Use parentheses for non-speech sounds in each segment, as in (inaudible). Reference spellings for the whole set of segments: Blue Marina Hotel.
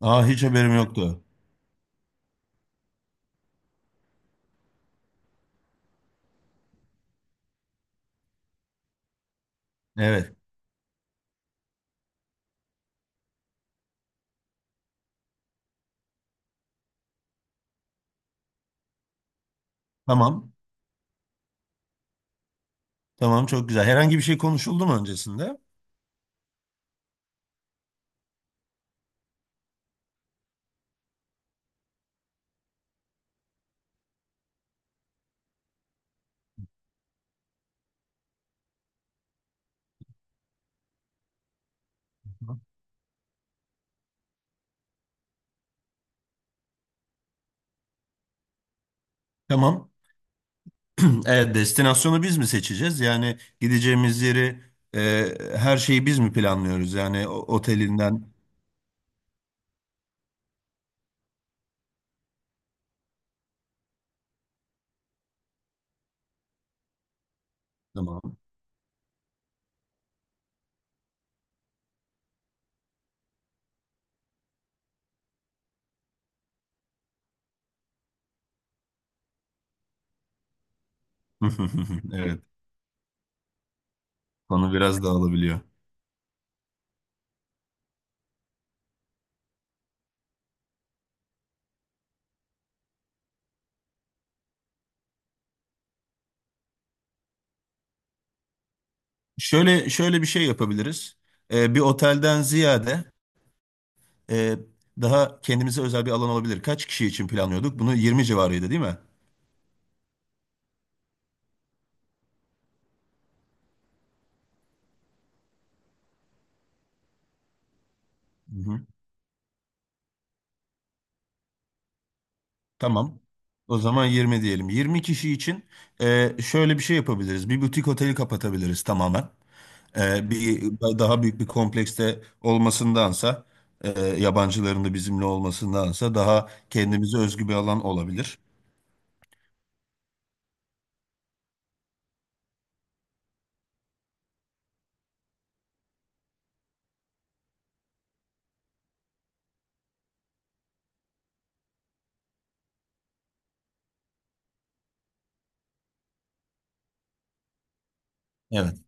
Aa, hiç haberim yoktu. Evet. Tamam. Tamam, çok güzel. Herhangi bir şey konuşuldu mu öncesinde? Tamam. (clears throat) Evet, destinasyonu biz mi seçeceğiz? Yani gideceğimiz yeri her şeyi biz mi planlıyoruz? Yani otelinden. Tamam. (laughs) Evet. Konu biraz dağılabiliyor. Şöyle şöyle bir şey yapabiliriz. Bir otelden ziyade e, daha kendimize özel bir alan olabilir. Kaç kişi için planlıyorduk? Bunu 20 civarıydı değil mi? Tamam. O zaman 20 diyelim. 20 kişi için şöyle bir şey yapabiliriz. Bir butik oteli kapatabiliriz tamamen. E, bir daha büyük bir komplekste olmasındansa, yabancıların da bizimle olmasındansa daha kendimize özgü bir alan olabilir. Evet.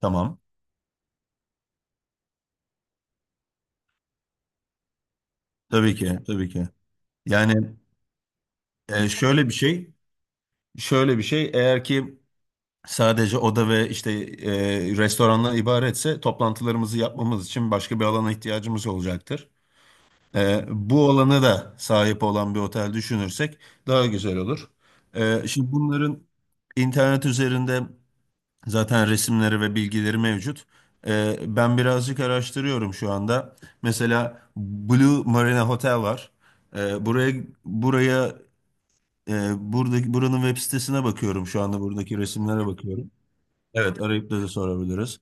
Tamam. Tabii ki, tabii ki. Yani şöyle bir şey, şöyle bir şey. Eğer ki sadece oda ve işte restorandan ibaretse toplantılarımızı yapmamız için başka bir alana ihtiyacımız olacaktır. Bu olanı da sahip olan bir otel düşünürsek daha güzel olur. Şimdi bunların internet üzerinde zaten resimleri ve bilgileri mevcut. Ben birazcık araştırıyorum şu anda. Mesela Blue Marina Hotel var. Buraya buraya buranın web sitesine bakıyorum şu anda, buradaki resimlere bakıyorum. Evet, arayıp da sorabiliriz.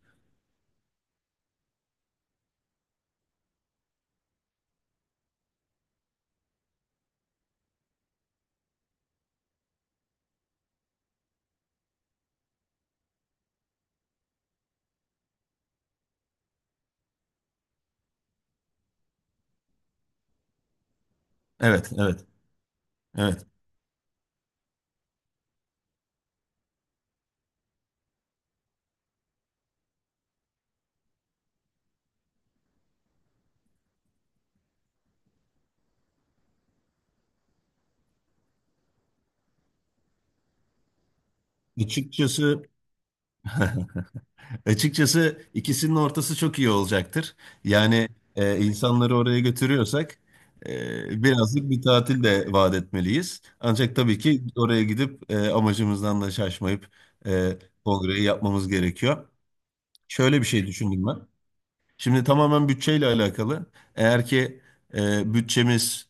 Evet, evet. Açıkçası, ikisinin ortası çok iyi olacaktır. Yani insanları oraya götürüyorsak birazcık bir tatil de vaat etmeliyiz. Ancak tabii ki oraya gidip amacımızdan da şaşmayıp e, kongreyi yapmamız gerekiyor. Şöyle bir şey düşündüm ben. Şimdi tamamen bütçeyle alakalı. Eğer ki bütçemiz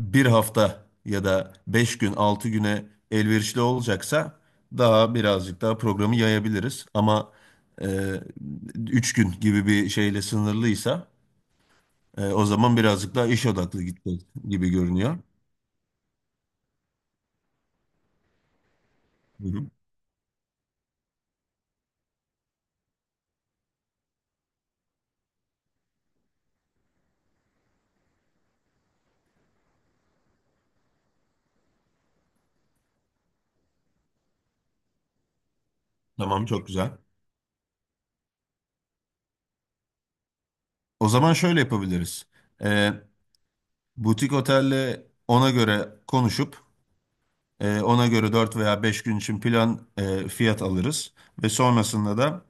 bir hafta ya da 5 gün 6 güne elverişli olacaksa daha birazcık daha programı yayabiliriz. Ama e, 3 gün gibi bir şeyle sınırlıysa o zaman birazcık daha iş odaklı gitti gibi görünüyor. Hı hı. Tamam, çok güzel. O zaman şöyle yapabiliriz. E, Butik otelle ona göre konuşup ona göre 4 veya 5 gün için fiyat alırız ve sonrasında da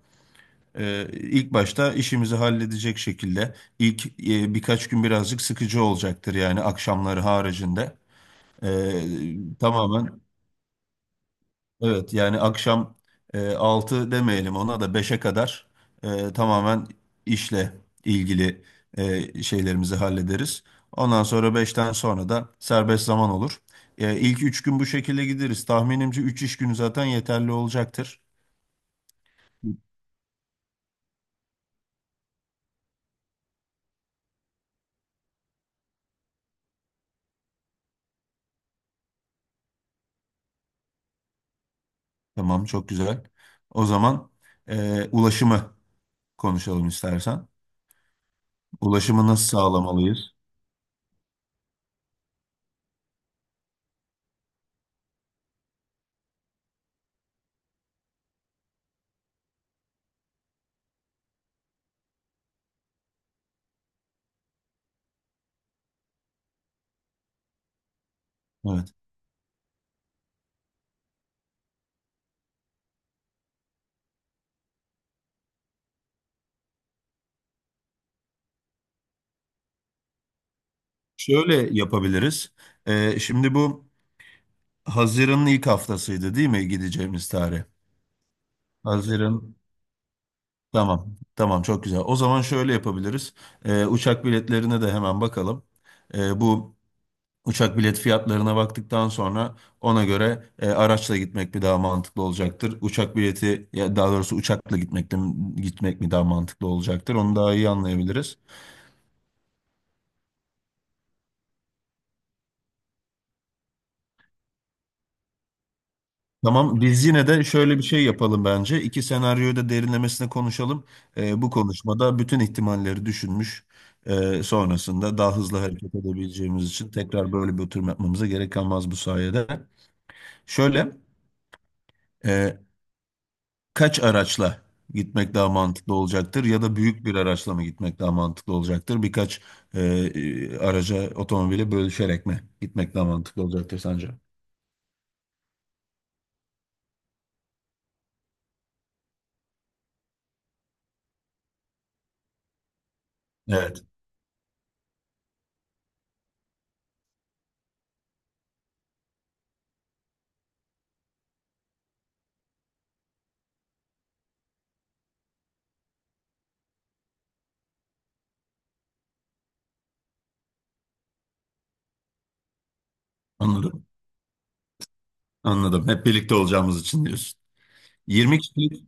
İlk başta işimizi halledecek şekilde ilk birkaç gün birazcık sıkıcı olacaktır yani akşamları haricinde. Ee, tamamen evet, yani akşam 6 demeyelim, ona da beşe kadar tamamen işle ilgili şeylerimizi hallederiz. Ondan sonra, beşten sonra da serbest zaman olur. İlk 3 gün bu şekilde gideriz. Tahminimce 3 iş günü zaten yeterli olacaktır. Tamam, çok güzel. O zaman ulaşımı konuşalım istersen. Ulaşımı nasıl sağlamalıyız? Evet. Şöyle yapabiliriz. Şimdi bu Haziran'ın ilk haftasıydı değil mi gideceğimiz tarih? Haziran. Tamam. Tamam, çok güzel. O zaman şöyle yapabiliriz. Uçak biletlerine de hemen bakalım. Bu Uçak bilet fiyatlarına baktıktan sonra ona göre araçla gitmek mi daha mantıklı olacaktır? Uçak bileti, ya daha doğrusu uçakla gitmek mi daha mantıklı olacaktır? Onu daha iyi anlayabiliriz. Tamam, biz yine de şöyle bir şey yapalım bence. İki senaryoyu da derinlemesine konuşalım. Bu konuşmada bütün ihtimalleri düşünmüş, sonrasında daha hızlı hareket edebileceğimiz için tekrar böyle bir oturum yapmamıza gerek kalmaz bu sayede. Şöyle. e, Kaç araçla gitmek daha mantıklı olacaktır ya da büyük bir araçla mı gitmek daha mantıklı olacaktır? Birkaç araca, otomobile bölüşerek mi gitmek daha mantıklı olacaktır sence? Evet, anladım. Anladım. Hep birlikte olacağımız için diyorsun. Yirmi kişilik,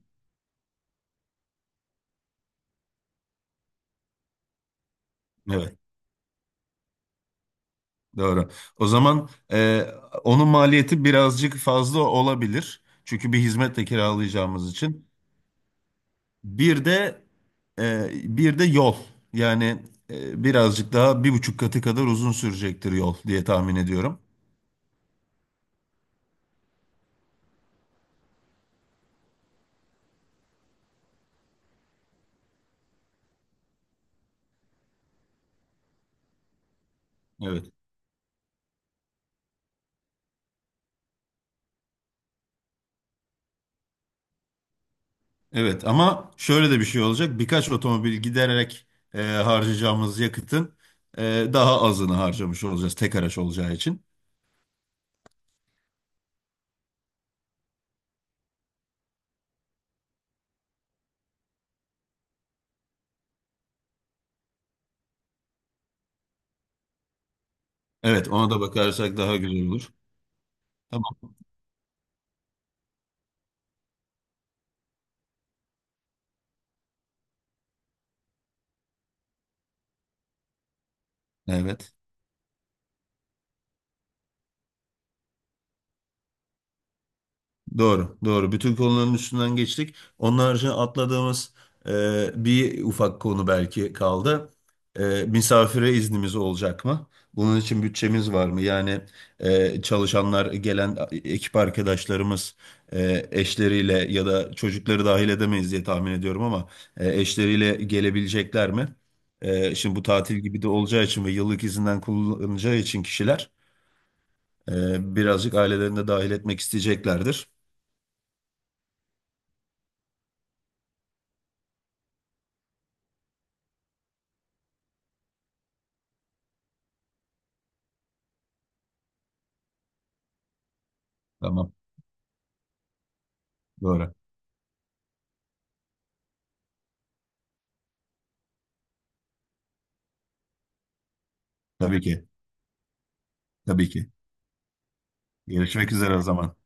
evet, doğru. O zaman onun maliyeti birazcık fazla olabilir. Çünkü bir hizmetle kiralayacağımız için. Bir de e, yol. Yani birazcık daha bir buçuk katı kadar uzun sürecektir yol diye tahmin ediyorum. Evet. Evet, ama şöyle de bir şey olacak. Birkaç otomobil gidererek harcayacağımız yakıtın e, daha azını harcamış olacağız tek araç olacağı için. Evet, ona da bakarsak daha güzel olur. Tamam. Evet. Doğru, doğru. Bütün konuların üstünden geçtik. Onun haricinde atladığımız bir ufak konu belki kaldı. Misafire iznimiz olacak mı? Bunun için bütçemiz var mı? Yani çalışanlar, gelen ekip arkadaşlarımız eşleriyle ya da çocukları dahil edemeyiz diye tahmin ediyorum, ama eşleriyle gelebilecekler mi? Şimdi bu tatil gibi de olacağı için ve yıllık izinden kullanacağı için kişiler birazcık ailelerini de dahil etmek isteyeceklerdir. Tamam. Doğru. Tabii ki. Tabii ki. Görüşmek üzere o zaman.